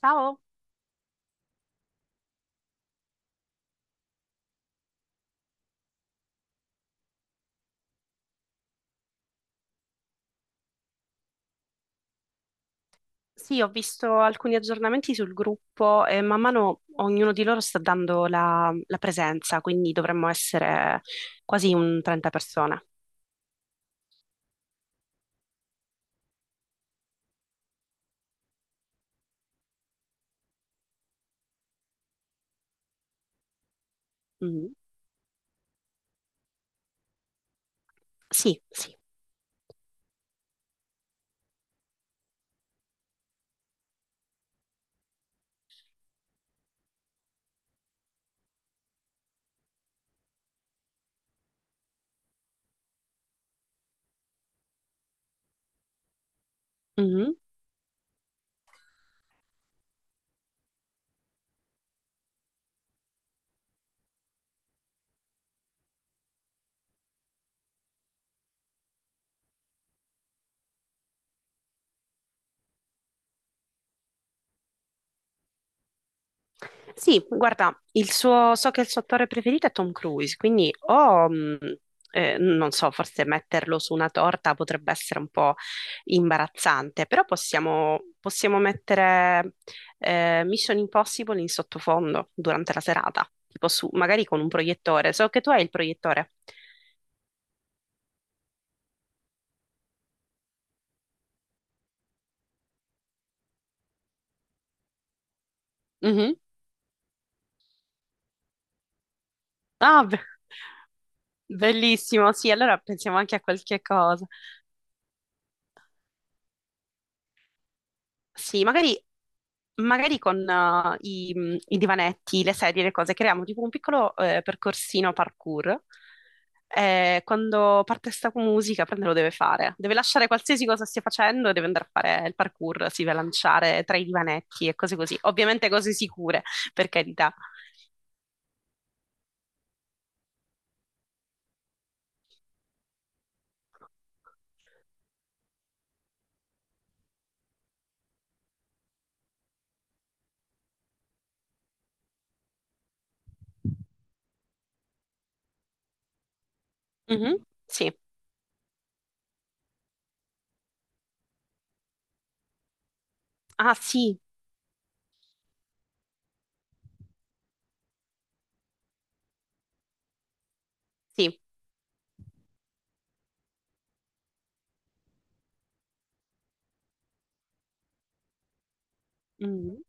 Ciao, sì, ho visto alcuni aggiornamenti sul gruppo e man mano ognuno di loro sta dando la presenza, quindi dovremmo essere quasi un 30 persone. Mm, sì, sì. Mhm. Sì, guarda, so che il suo attore preferito è Tom Cruise, quindi o, non so, forse metterlo su una torta potrebbe essere un po' imbarazzante, però possiamo mettere Mission Impossible in sottofondo durante la serata, tipo su, magari con un proiettore. So che tu hai il proiettore. Mhm. Ah, be- Bellissimo, sì, allora pensiamo anche a qualche cosa. Sì, magari con i divanetti, le sedie, le cose, creiamo tipo un piccolo percorsino parkour. Quando parte sta musica, prende lo deve fare. Deve lasciare qualsiasi cosa stia facendo e deve andare a fare il parkour, si deve lanciare tra i divanetti e cose così. Ovviamente cose sicure, per carità. Mhm, sì. Ah, sì, sì. Mhm.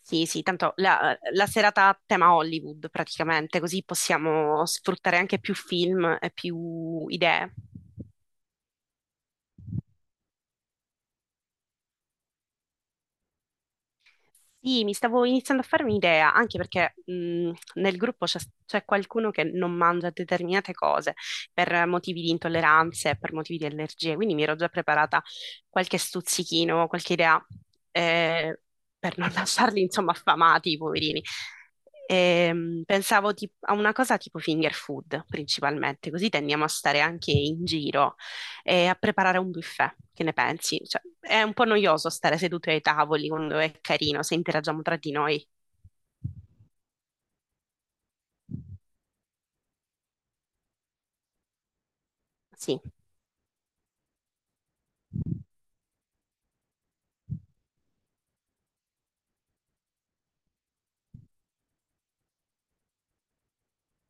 Sì, sì, tanto la serata a tema Hollywood praticamente, così possiamo sfruttare anche più film e più idee. Sì, mi stavo iniziando a farmi un'idea, anche perché nel gruppo c'è qualcuno che non mangia determinate cose per motivi di intolleranze, per motivi di allergie, quindi mi ero già preparata qualche stuzzichino, qualche idea eh, per non lasciarli, insomma, affamati, i poverini. Pensavo a una cosa tipo finger food principalmente, così tendiamo a stare anche in giro e a preparare un buffet. Che ne pensi? Cioè, è un po' noioso stare seduti ai tavoli quando è carino, se interagiamo tra di noi. Sì,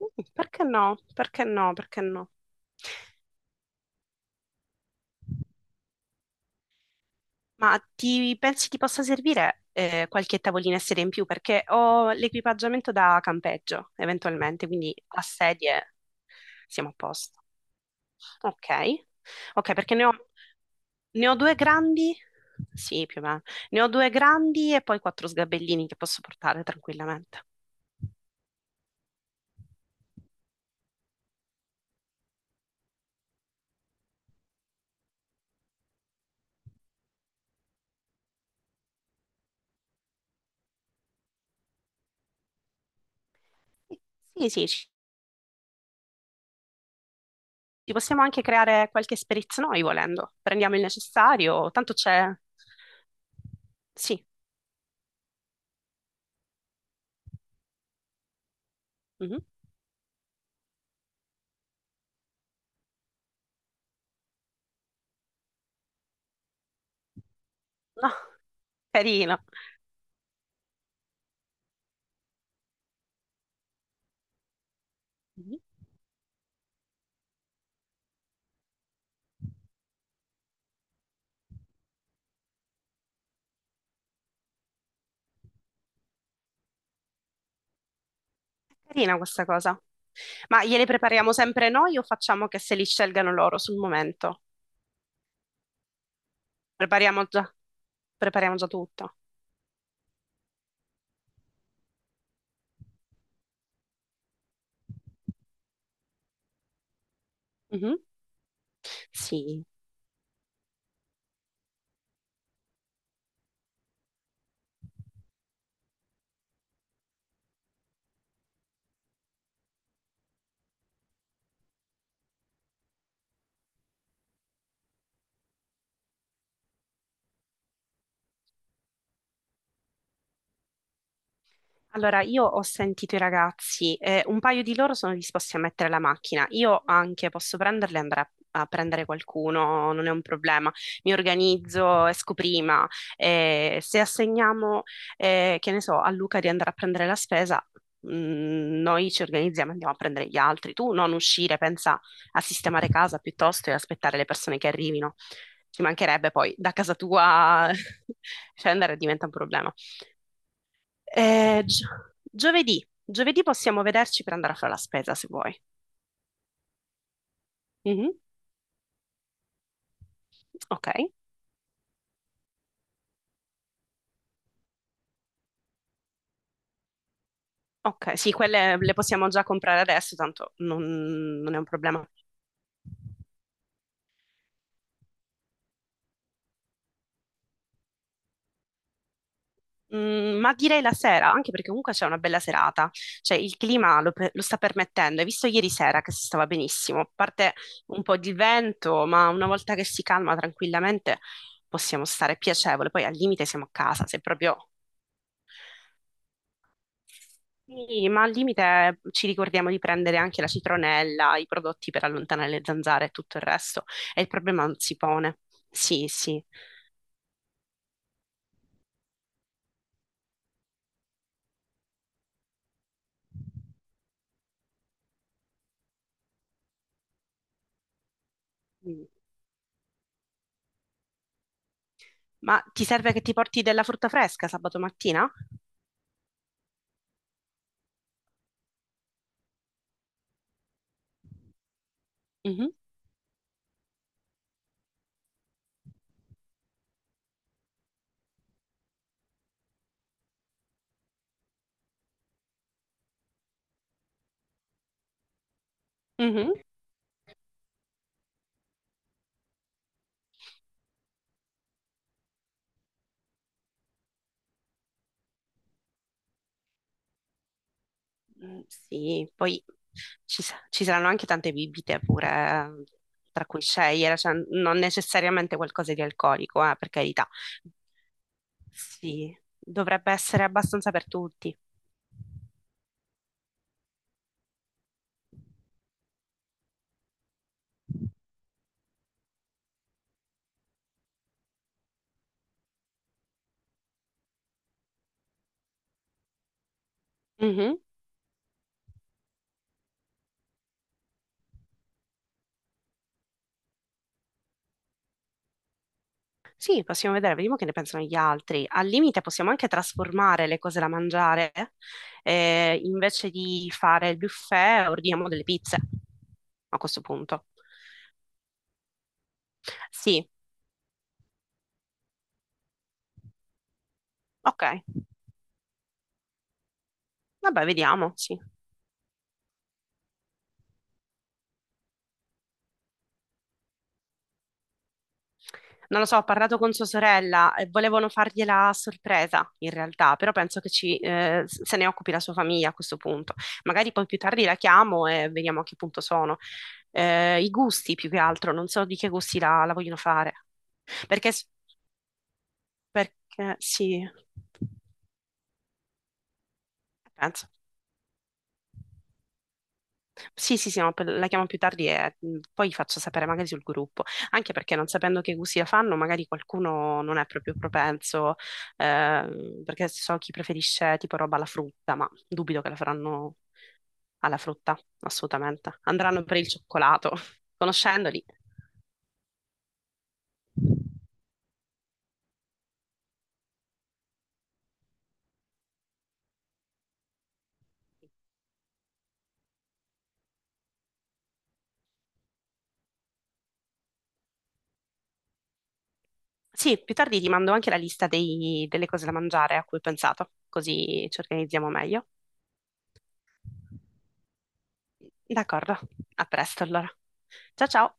mm, perché no? Perché no? Perché no? Ma ti pensi ti possa servire qualche tavolina e sedia in più? Perché ho l'equipaggiamento da campeggio, eventualmente, quindi a sedie siamo a posto. Ok, ok, ne ho due grandi, sì, più o meno, ne ho due grandi e poi quattro sgabellini che posso portare tranquillamente. Sì, sì, ci possiamo anche creare qualche esperienza noi volendo. Prendiamo il necessario, tanto c'è... Sì, mhm. No, carino. Mhm. Carina questa cosa. Ma gliele prepariamo sempre noi o facciamo che se li scelgano loro sul momento? Prepariamo già, Prepariamo già tutto. Mhm. Sì. Allora, io ho sentito i ragazzi, un paio di loro sono disposti a mettere la macchina, io anche posso prenderle e andare a prendere qualcuno, non è un problema, mi organizzo, esco prima, se assegniamo, che ne so, a Luca di andare a prendere la spesa, noi ci organizziamo, andiamo a prendere gli altri, tu non uscire, pensa a sistemare casa piuttosto e aspettare le persone che arrivino, ci mancherebbe poi da casa tua scendere diventa un problema. Giovedì. Giovedì possiamo vederci per andare a fare la spesa se vuoi. Mhm. Ok, ok, sì, quelle le possiamo già comprare adesso, tanto non, non è un problema. Mm, ma direi la sera, anche perché comunque c'è una bella serata, cioè il clima lo, pe- lo sta permettendo. Hai visto ieri sera che si stava benissimo, a parte un po' di vento, ma una volta che si calma tranquillamente possiamo stare piacevole. Poi al limite siamo a casa, se proprio. Sì, ma al limite ci ricordiamo di prendere anche la citronella, i prodotti per allontanare le zanzare e tutto il resto, e il problema non si pone. Sì, sì. Mm. Ma ti serve che ti porti della frutta fresca sabato mattina? Mhm, mhm. Mm, sì, poi ci saranno anche tante bibite pure tra cui scegliere, cioè non necessariamente qualcosa di alcolico, per carità. Sì, dovrebbe essere abbastanza per tutti. Sì, possiamo vedere, vediamo che ne pensano gli altri. Al limite possiamo anche trasformare le cose da mangiare, invece di fare il buffet ordiniamo delle pizze a questo punto. Sì, ok, vabbè, vediamo, sì. Non lo so, ho parlato con sua sorella e volevano fargliela a sorpresa in realtà, però penso che se ne occupi la sua famiglia a questo punto. Magari poi più tardi la chiamo e vediamo a che punto sono. I gusti più che altro, non so di che gusti la vogliono fare. Perché s- Perché sì, penso. Sì, sì, sì, no, la chiamo più tardi e poi faccio sapere magari sul gruppo, anche perché non sapendo che cucina fanno, magari qualcuno non è proprio propenso, perché so chi preferisce tipo roba alla frutta, ma dubito che la faranno alla frutta, assolutamente. Andranno per il cioccolato, conoscendoli. Sì, più tardi ti mando anche la lista delle cose da mangiare a cui ho pensato, così ci organizziamo meglio. D'accordo, a presto allora. Ciao ciao.